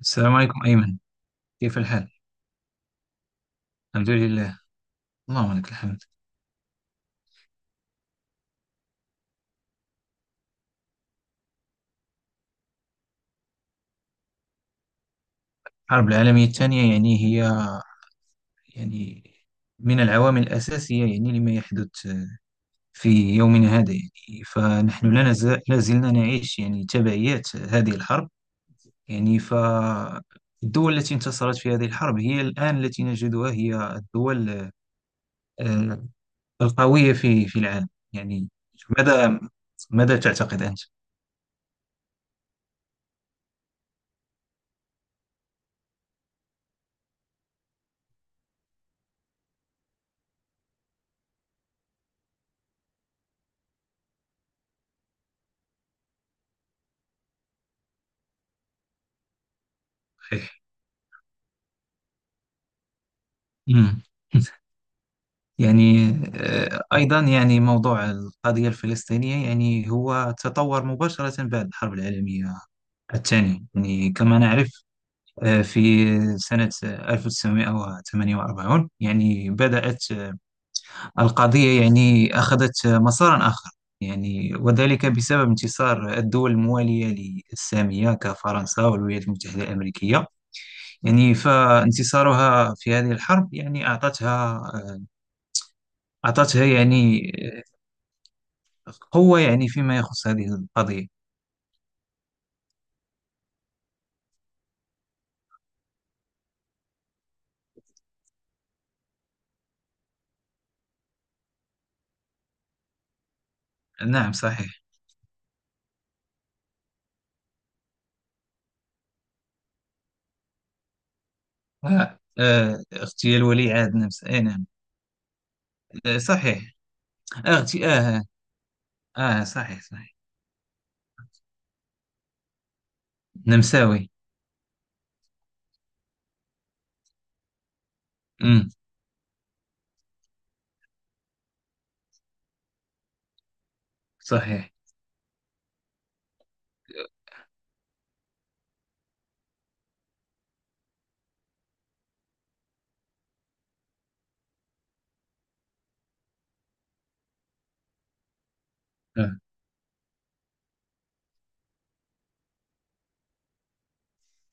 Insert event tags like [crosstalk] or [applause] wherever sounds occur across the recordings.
السلام عليكم أيمن. كيف الحال؟ الحمد لله. اللهم لك الحمد. الحرب العالمية الثانية يعني هي، يعني، من العوامل الأساسية يعني لما يحدث في يومنا هذا. يعني فنحن لا نزال لا زلنا نعيش يعني تبعيات هذه الحرب. يعني فالدول التي انتصرت في هذه الحرب هي الآن التي نجدها هي الدول آه، القوية في العالم يعني. ماذا ماذا تعتقد أنت؟ صحيح. مم. [laughs] يعني أيضا يعني موضوع القضية الفلسطينية يعني هو تطور مباشرة بعد الحرب العالمية الثانية يعني كما نعرف. في سنة 1948 يعني بدأت القضية يعني أخذت مسارا آخر، يعني وذلك بسبب انتصار الدول الموالية للسامية كفرنسا والولايات المتحدة الأمريكية. يعني فانتصارها في هذه الحرب يعني أعطتها يعني قوة يعني فيما يخص هذه القضية. نعم صحيح. آه. آه. اغتيال ولي عهد نمس آه نعم. آه صحيح. اغتي آه. آه صحيح صحيح. نمساوي. امم. صحيح. آه.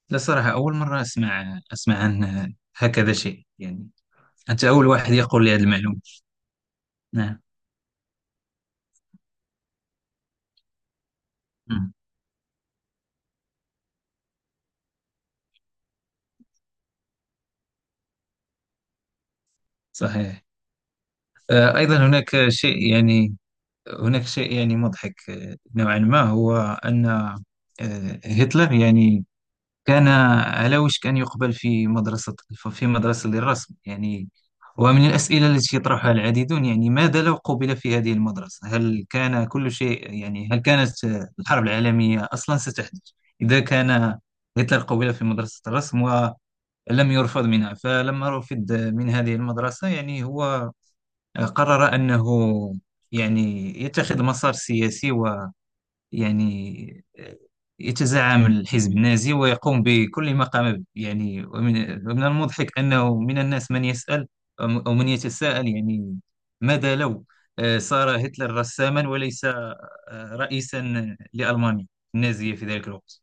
لا صراحة أول مرة أسمع عن هكذا شيء يعني. أنت أول واحد يقول لي هذه المعلومة. نعم. مم. صحيح. أيضا هناك شيء يعني مضحك نوعا ما. هو أن هتلر يعني كان علاوش كان يقبل في مدرسة في مدرسة للرسم يعني. ومن الأسئلة التي يطرحها العديدون يعني: ماذا لو قبل في هذه المدرسة، هل كان كل شيء يعني، هل كانت الحرب العالمية أصلا ستحدث إذا كان هتلر قبل في مدرسة الرسم ولم يرفض منها؟ فلما رفض من هذه المدرسة يعني هو قرر أنه يعني يتخذ مسار سياسي، يعني يتزعم الحزب النازي ويقوم بكل ما قام به يعني. ومن المضحك أنه من الناس من يسأل، أو من يتساءل يعني: ماذا لو صار هتلر رساما وليس رئيسا لألمانيا النازية في ذلك الوقت؟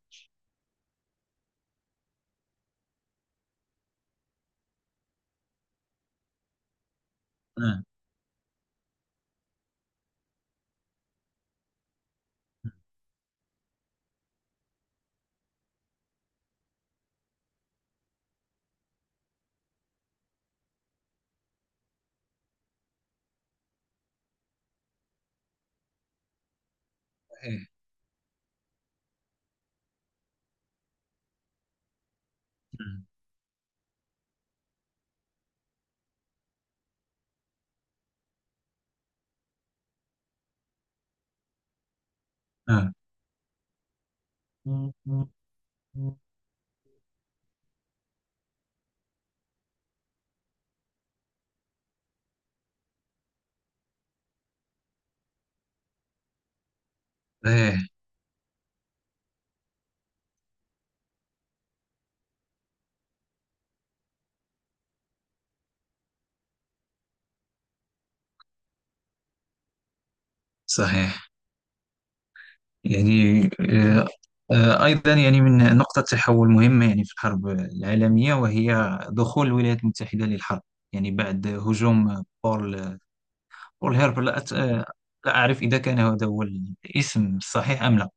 آه. آه. آه. آه. صحيح. يعني أيضا يعني من نقطة تحول مهمة يعني في الحرب العالمية، وهي دخول الولايات المتحدة للحرب، يعني بعد هجوم بول هيربر، لا, أت... آه، لا أعرف إذا كان هذا هو الاسم الصحيح أم لا.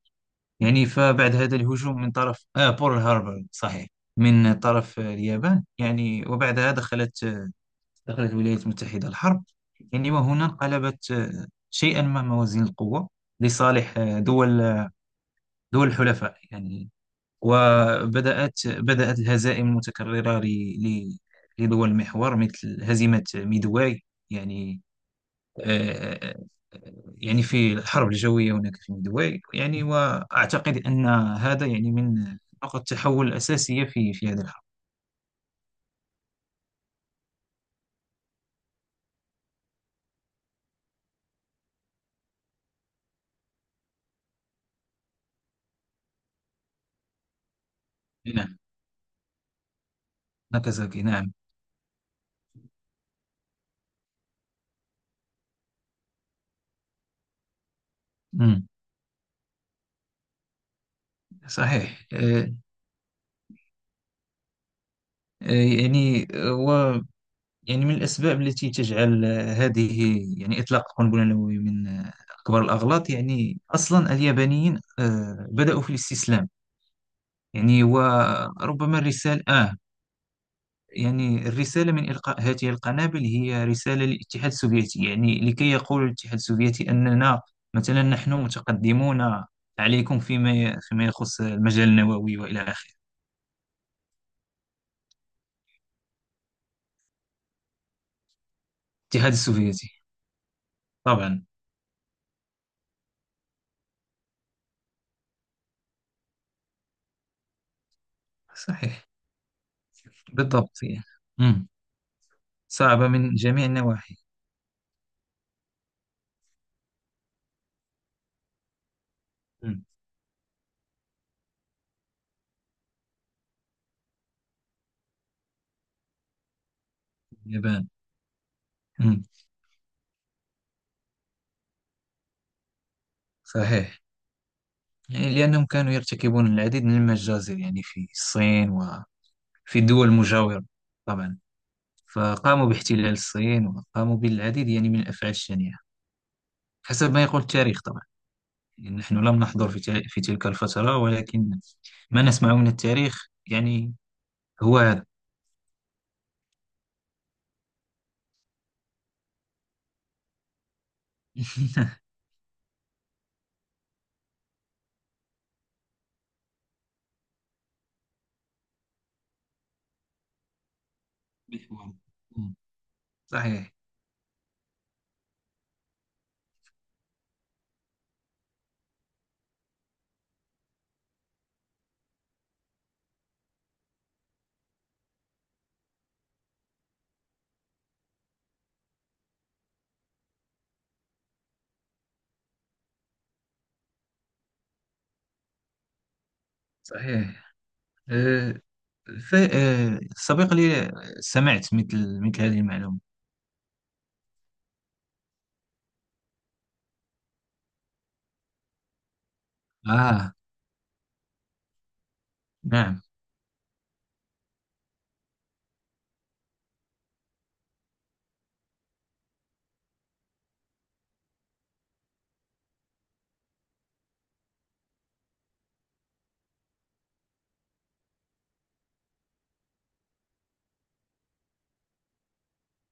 يعني فبعد هذا الهجوم من طرف آه بول هاربر، صحيح، من طرف اليابان، يعني وبعدها دخلت الولايات المتحدة الحرب. يعني وهنا انقلبت شيئا ما موازين القوة لصالح دول الحلفاء يعني. وبدأت الهزائم المتكررة ل- لدول المحور، مثل هزيمة ميدواي يعني. آه، آه، يعني في الحرب الجوية هناك في ميدواي يعني، وأعتقد أن هذا يعني من نقط التحول الأساسية في هذه الحرب. نعم، ناكازاكي نعم. مم. صحيح. يعني. يعني من الأسباب التي تجعل هذه، يعني إطلاق القنبلة النووية من أكبر الأغلاط، يعني أصلا اليابانيين بدأوا في الاستسلام، يعني وربما الرسالة آه، يعني الرسالة من إلقاء هذه القنابل هي رسالة للاتحاد السوفيتي، يعني لكي يقول الاتحاد السوفيتي أننا مثلا نحن متقدمون عليكم فيما يخص المجال النووي وإلى آخره. الاتحاد السوفيتي. طبعا. صحيح. بالضبط يعني. مم. صعبة من جميع النواحي. مم. اليابان. مم. صحيح. يعني لأنهم كانوا يرتكبون العديد من المجازر يعني في الصين وفي الدول المجاورة. طبعا. فقاموا باحتلال الصين وقاموا بالعديد يعني من الأفعال الشنيعة، حسب ما يقول التاريخ طبعا، يعني نحن لم نحضر في تلك الفترة، ولكن ما نسمعه من التاريخ يعني هو هذا. [laughs] محور. مم. صحيح صحيح. أه سبق لي، سمعت مثل هذه المعلومة. آه نعم.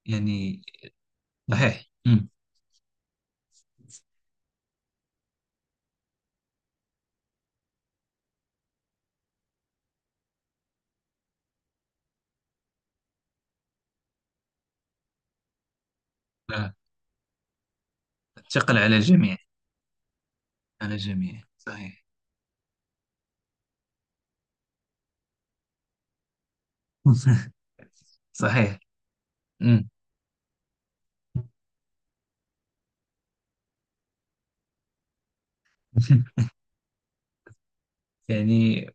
يعني صحيح. أمم. آه. ثقل على الجميع. على الجميع صحيح. [laughs] صحيح. أمم. [laughs] يعني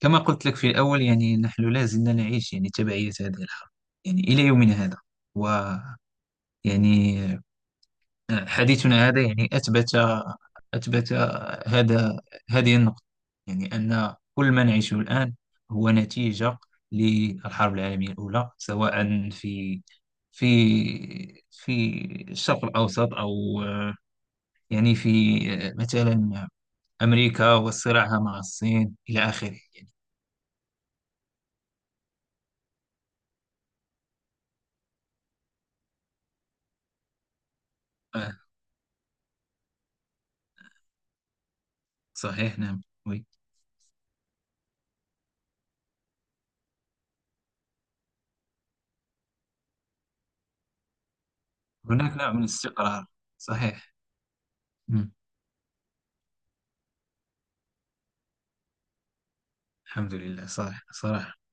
كما قلت لك في الأول، يعني نحن لا زلنا نعيش يعني تبعية هذه الحرب يعني إلى يومنا هذا. ويعني حديثنا هذا يعني أثبت هذا، هذه النقطة. يعني أن كل ما نعيشه الآن هو نتيجة للحرب العالمية الأولى، سواء في في الشرق الأوسط، أو يعني في مثلا أمريكا وصراعها مع الصين إلى آخره يعني. آه، صحيح نعم وي. هناك نوع من الاستقرار. صحيح. مم. الحمد لله صحيح صراحة